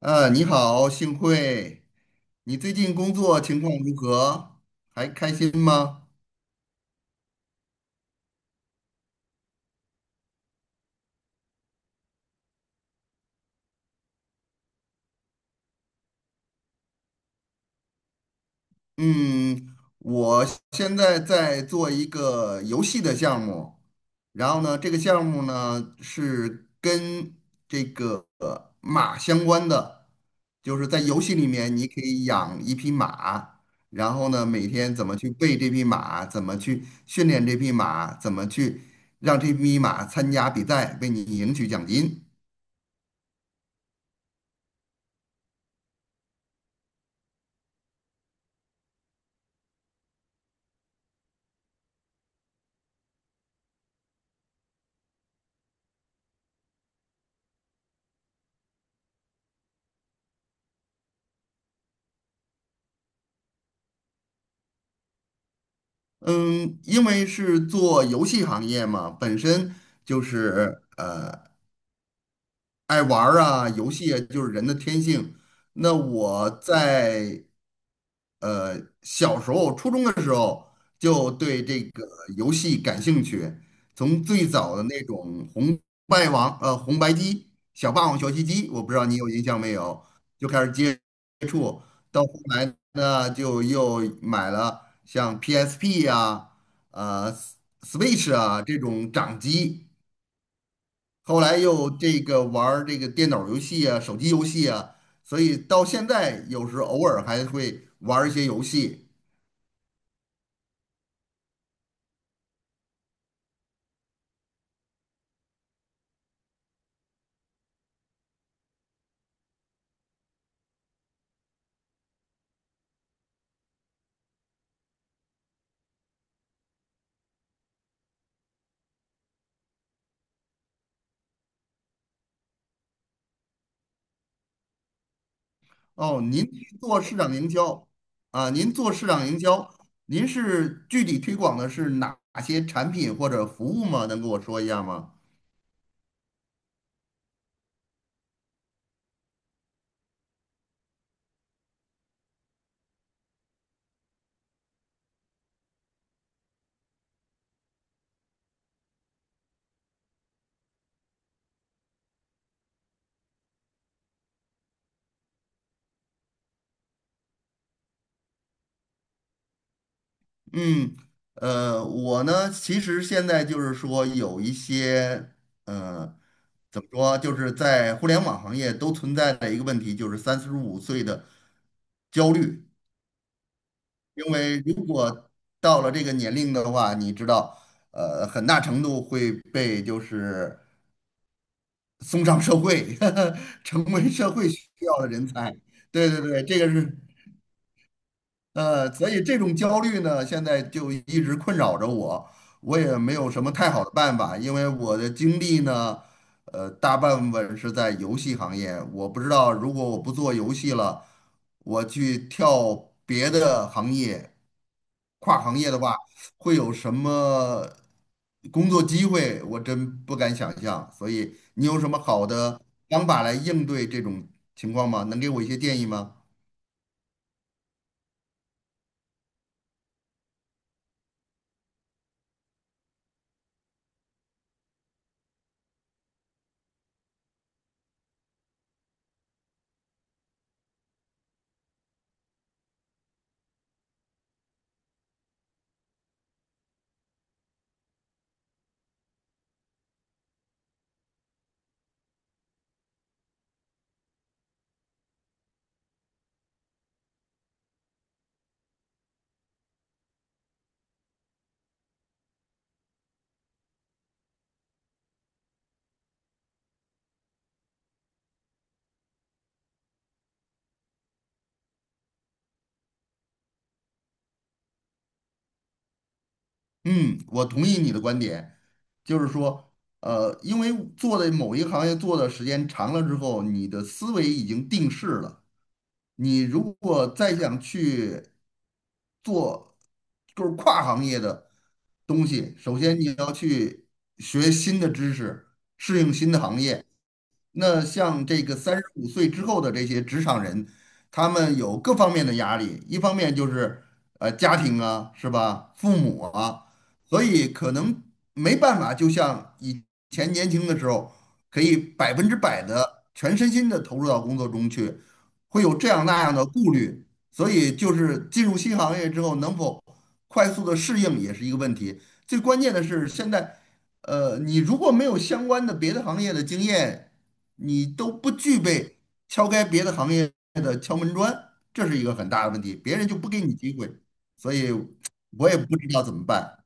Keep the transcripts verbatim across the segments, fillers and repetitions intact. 呃，你好，幸会。你最近工作情况如何？还开心吗？嗯，我现在在做一个游戏的项目，然后呢，这个项目呢是跟这个呃马相关的，就是在游戏里面你可以养一匹马，然后呢，每天怎么去喂这匹马，怎么去训练这匹马，怎么去让这匹马参加比赛，为你赢取奖金。嗯，因为是做游戏行业嘛，本身就是呃爱玩儿啊，游戏啊，就是人的天性。那我在呃小时候，初中的时候就对这个游戏感兴趣，从最早的那种红白王，呃红白机、小霸王学习机，我不知道你有印象没有，就开始接触，到后来呢就又买了像 P S P 啊、呃 Switch 啊这种掌机。后来又这个玩儿这个电脑游戏啊、手机游戏啊，所以到现在有时偶尔还会玩儿一些游戏。哦，您是做市场营销啊，您做市场营销，您是具体推广的是哪些产品或者服务吗？能跟我说一下吗？嗯，呃，我呢，其实现在就是说有一些，呃，怎么说啊，就是在互联网行业都存在的一个问题，就是三十五岁的焦虑。因为如果到了这个年龄的话，你知道，呃，很大程度会被就是送上社会，呵呵成为社会需要的人才。对对对，这个是呃，所以这种焦虑呢，现在就一直困扰着我，我也没有什么太好的办法，因为我的经历呢，呃，大半部分是在游戏行业，我不知道如果我不做游戏了，我去跳别的行业。跨行业的话，会有什么工作机会？我真不敢想象。所以你有什么好的方法来应对这种情况吗？能给我一些建议吗？嗯，我同意你的观点，就是说，呃，因为做的某一行业做的时间长了之后，你的思维已经定势了。你如果再想去做就是跨行业的东西，首先你要去学新的知识，适应新的行业。那像这个三十五岁之后的这些职场人，他们有各方面的压力，一方面就是呃家庭啊，是吧？父母啊，所以可能没办法，就像以前年轻的时候，可以百分之百的全身心的投入到工作中去。会有这样那样的顾虑，所以就是进入新行业之后能否快速的适应也是一个问题。最关键的是现在，呃，你如果没有相关的别的行业的经验，你都不具备敲开别的行业的敲门砖，这是一个很大的问题，别人就不给你机会，所以我也不知道怎么办。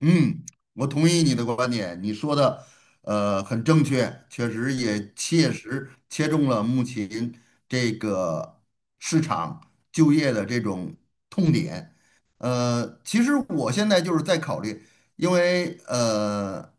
嗯，我同意你的观点，你说的呃很正确，确实也切实切中了目前这个市场就业的这种痛点。呃，其实我现在就是在考虑，因为呃，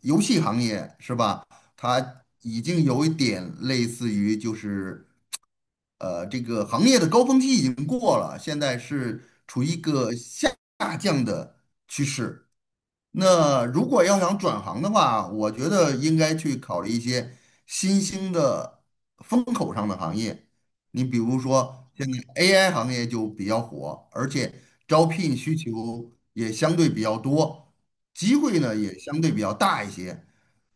游戏行业是吧，它已经有一点类似于就是呃这个行业的高峰期已经过了，现在是处于一个下降的趋势。那如果要想转行的话，我觉得应该去考虑一些新兴的风口上的行业。你比如说，现在 A I 行业就比较火，而且招聘需求也相对比较多，机会呢也相对比较大一些。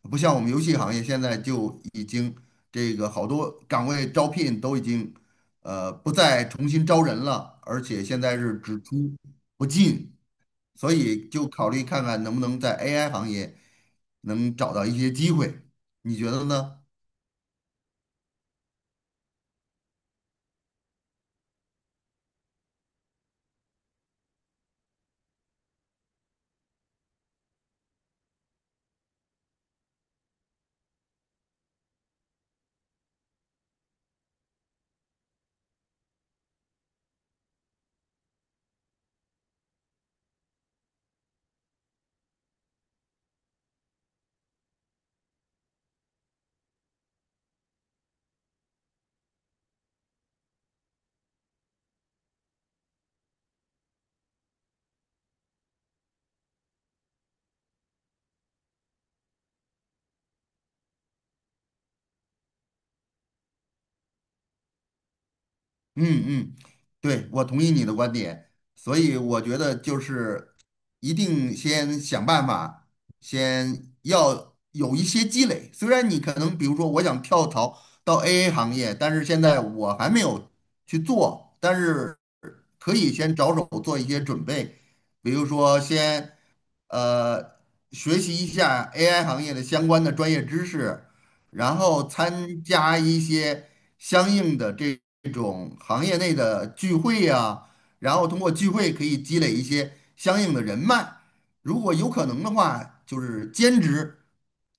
不像我们游戏行业现在就已经这个好多岗位招聘都已经呃不再重新招人了，而且现在是只出不进。所以就考虑看看能不能在 A I 行业能找到一些机会，你觉得呢？嗯嗯，对，我同意你的观点，所以我觉得就是一定先想办法，先要有一些积累。虽然你可能比如说我想跳槽到 A A 行业，但是现在我还没有去做，但是可以先着手做一些准备，比如说先呃学习一下 A I 行业的相关的专业知识。然后参加一些相应的这种行业内的聚会呀、然后通过聚会可以积累一些相应的人脉。如果有可能的话，就是兼职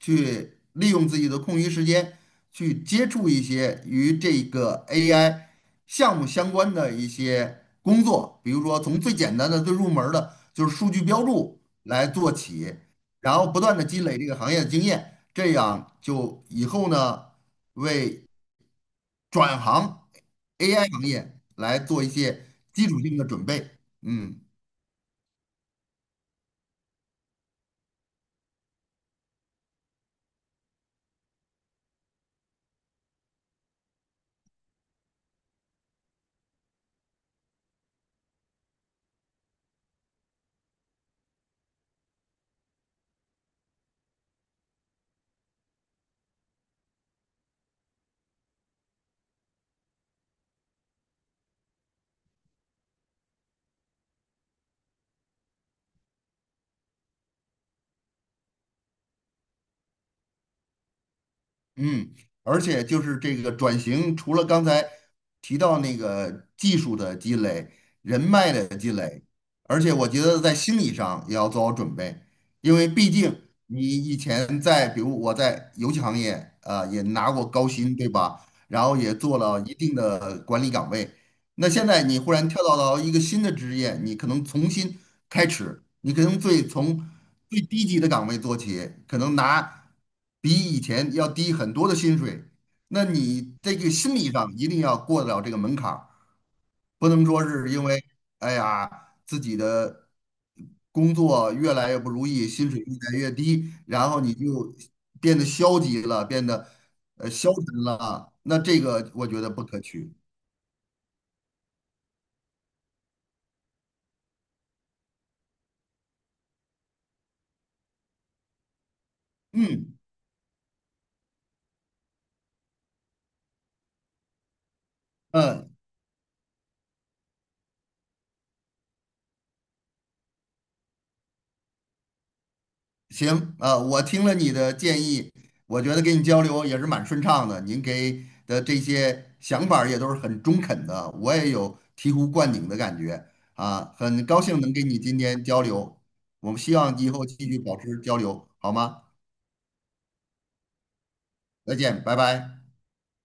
去利用自己的空余时间去接触一些与这个 A I 项目相关的一些工作，比如说从最简单的、最入门儿的，就是数据标注来做起。然后不断的积累这个行业的经验，这样就以后呢，为转行 A I 行业来做一些基础性的准备。嗯。嗯，而且就是这个转型，除了刚才提到那个技术的积累、人脉的积累，而且我觉得在心理上也要做好准备，因为毕竟你以前在，比如我在游戏行业啊、也拿过高薪，对吧？然后也做了一定的管理岗位，那现在你忽然跳到了一个新的职业，你可能重新开始，你可能最从最低级的岗位做起，可能拿比以前要低很多的薪水。那你这个心理上一定要过得了这个门槛儿，不能说是因为哎呀自己的工作越来越不如意，薪水越来越低，然后你就变得消极了，变得呃消沉了。那这个我觉得不可取。嗯嗯，呃行，呃，我听了你的建议，我觉得跟你交流也是蛮顺畅的。您给的这些想法儿也都是很中肯的，我也有醍醐灌顶的感觉啊，很高兴能跟你今天交流。我们希望以后继续保持交流，好吗？再见，拜拜。